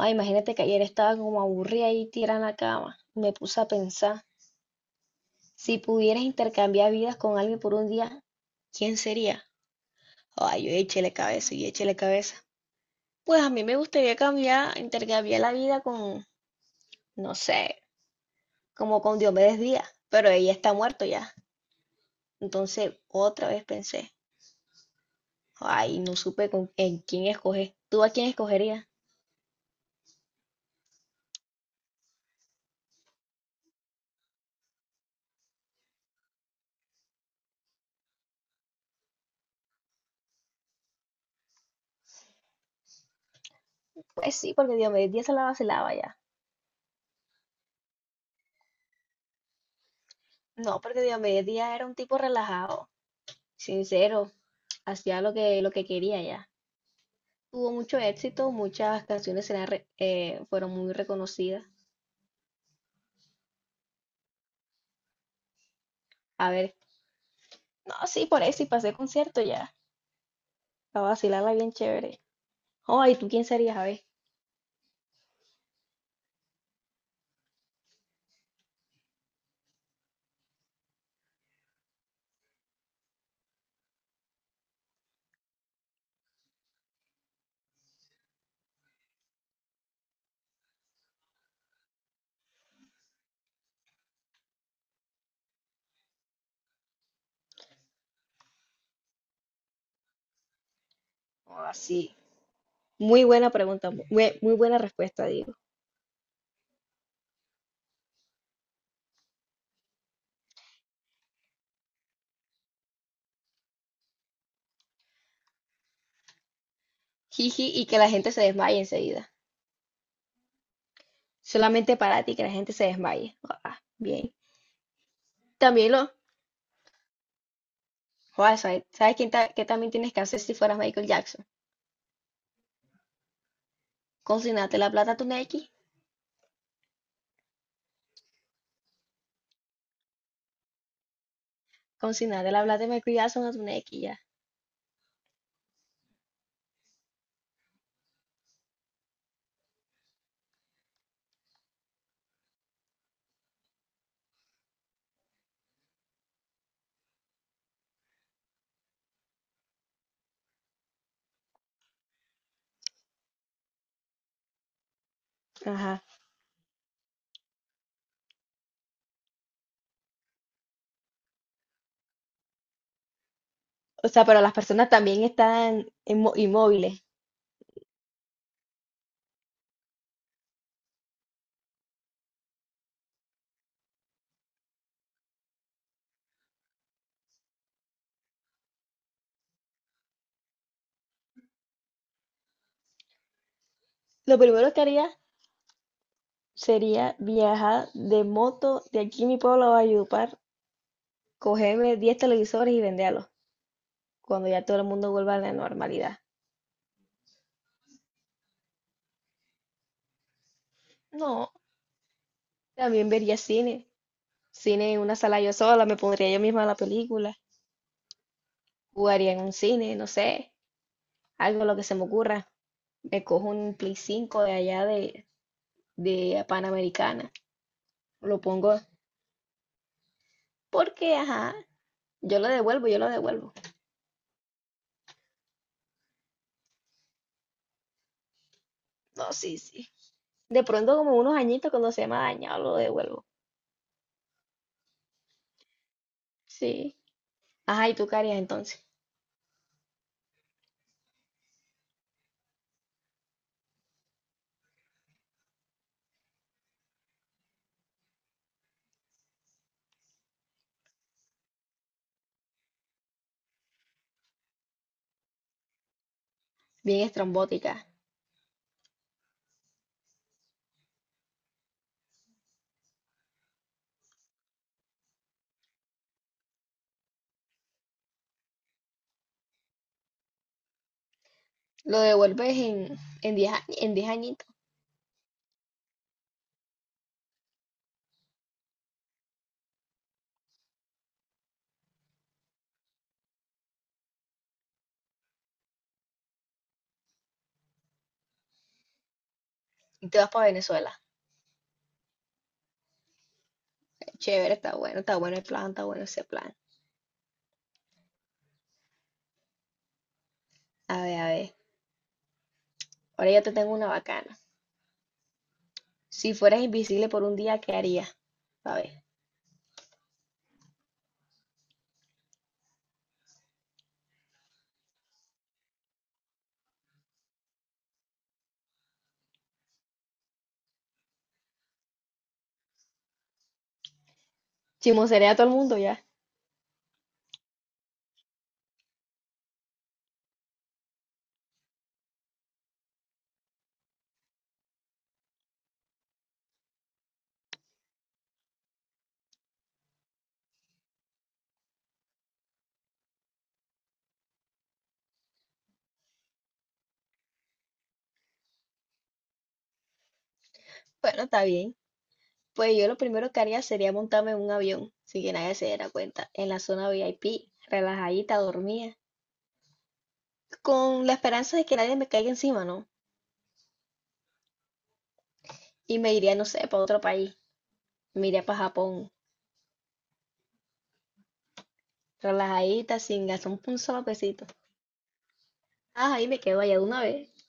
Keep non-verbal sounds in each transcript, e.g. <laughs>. Ay, imagínate que ayer estaba como aburrida y tirada en la cama. Me puse a pensar, si pudieras intercambiar vidas con alguien por un día, ¿quién sería? Ay, yo échele cabeza y échele cabeza. Pues a mí me gustaría cambiar, intercambiar la vida con, no sé, como con Diomedes Díaz, pero ella está muerto ya. Entonces, otra vez pensé, ay, no supe con, en quién escoger. ¿Tú a quién escogerías? Pues sí, porque Diomedes Díaz se la vacilaba ya. No, porque Diomedes Díaz era un tipo relajado, sincero, hacía lo que quería ya. Tuvo mucho éxito, muchas canciones eran fueron muy reconocidas. A ver, no, sí, por ahí sí pasé concierto ya, para vacilarla bien chévere. Oh, ¿y tú quién serías, a ver? Oh, sí. Muy buena pregunta, muy, muy buena respuesta, digo. Jiji, y que la gente se desmaye enseguida. Solamente para ti, que la gente se desmaye. Ah, bien. También lo... Joder, ¿sabes qué también tienes que hacer si fueras Michael Jackson? Consignarte la plata a tu Nequi. Consignarte la plata de Michael Jackson a tu Nequi, ya. Ajá. O sea, pero las personas también están inmóviles. Lo primero que haría sería viajar de moto de aquí mi pueblo a Valledupar, cogerme 10 televisores y venderlos cuando ya todo el mundo vuelva a la normalidad. No, también vería cine. Cine en una sala yo sola, me pondría yo misma la película. Jugaría en un cine, no sé, algo lo que se me ocurra. Me cojo un Play 5 de allá de Panamericana. Lo pongo porque, ajá, yo lo devuelvo. No, sí, sí. De pronto como unos añitos cuando se me ha dañado lo devuelvo. Sí. Ajá, ¿y tú qué harías entonces? Bien estrambótica. Lo devuelves en en 10 añitos y te vas para Venezuela. Chévere, está bueno el plan, está bueno ese plan. A ver, a ver. Ahora ya te tengo una bacana. Si fueras invisible por un día, ¿qué harías? A ver. Chismosearía a todo el mundo ya. Bueno, está bien. Pues yo lo primero que haría sería montarme en un avión, sin que nadie se diera cuenta, en la zona VIP, relajadita, dormida, con la esperanza de que nadie me caiga encima, ¿no? Y me iría, no sé, para otro país. Me iría para Japón. Relajadita, sin gastar un solo pesito. Ah, ahí me quedo allá de una vez.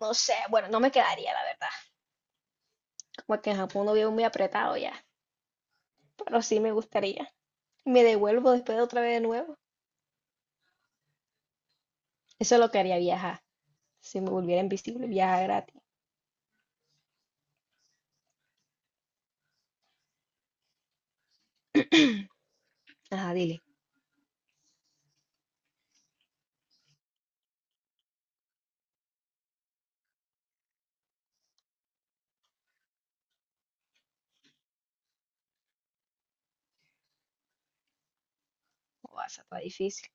No sé, bueno, no me quedaría, la verdad. Como que en Japón no vivo muy apretado ya. Pero sí me gustaría. Me devuelvo después de otra vez de nuevo. Eso es lo que haría viajar. Si me volviera invisible, viajar gratis. Ajá, dile. O sea, está difícil.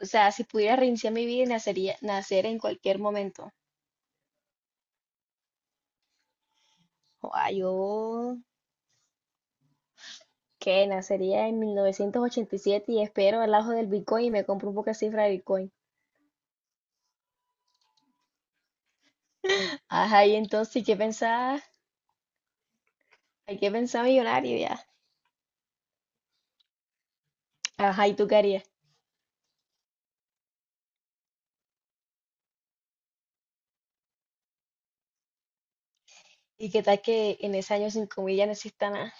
O sea, si pudiera reiniciar mi vida, nacer en cualquier momento. O sea, yo ¿qué nacería en 1987 y siete y espero al ajo del Bitcoin y me compro un poco de cifra de Bitcoin. Ajá, y entonces, ¿y qué pensaba? ¿Hay que pensar millonario ya? Ajá, ¿y tú qué harías? ¿Y qué tal que en ese año sin comida no exista nada?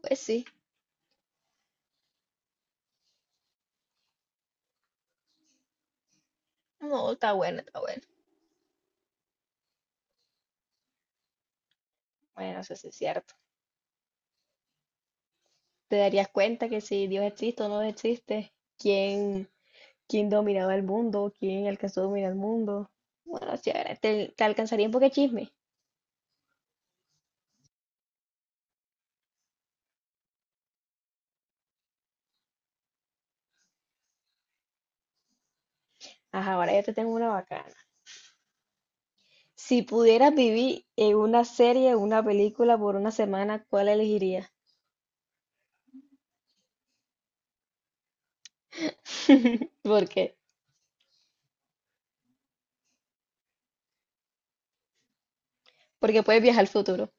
Pues sí, no, está bueno, está bueno. Bueno, eso sí es cierto. Te darías cuenta que si Dios existe o no existe, quién, quién dominaba el mundo, quién alcanzó a dominar el mundo. Bueno, chévere, te alcanzaría un poco de chisme. Ajá, ahora ya te tengo una bacana. Si pudieras vivir en una serie o una película por una semana, ¿cuál elegirías? <laughs> ¿Por qué? Porque puedes viajar al futuro.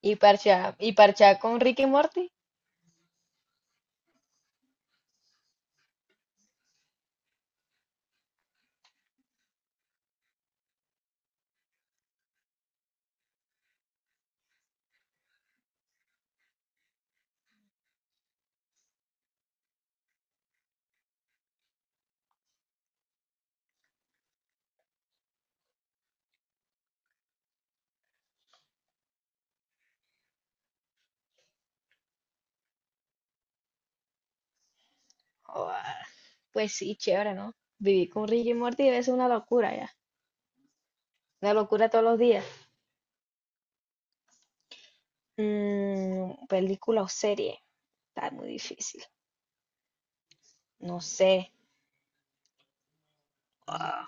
Y parchar con Rick y Morty, joda, pues sí, chévere, ¿no? Vivir con Rick y Morty debe ser una locura ya, una locura todos los días. Mm, película o serie, está muy difícil. No sé, ah,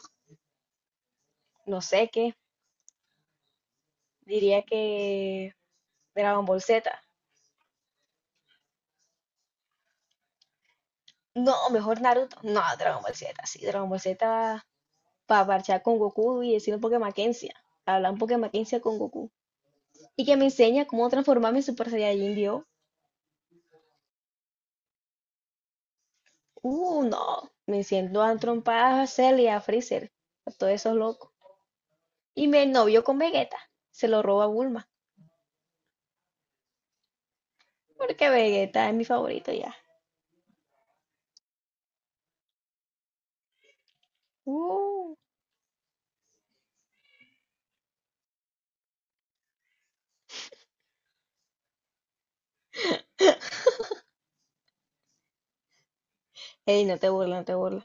no sé qué. Diría que Dragon Ball Z. No, mejor Naruto. No, Dragon Ball Z, sí, Dragon Ball Z para parchar con Goku y decir un Pokémon Quencia. Hablar un Pokémon Quencia con Goku. Y que me enseña cómo transformarme en Super Saiyajin Dios. No, me siento a trompadas a Cell y a Freezer, a todos esos locos. Y me novio con Vegeta, se lo roba a Bulma, porque Vegeta es mi favorito ya. Uh, ey, no te burles, no te burles.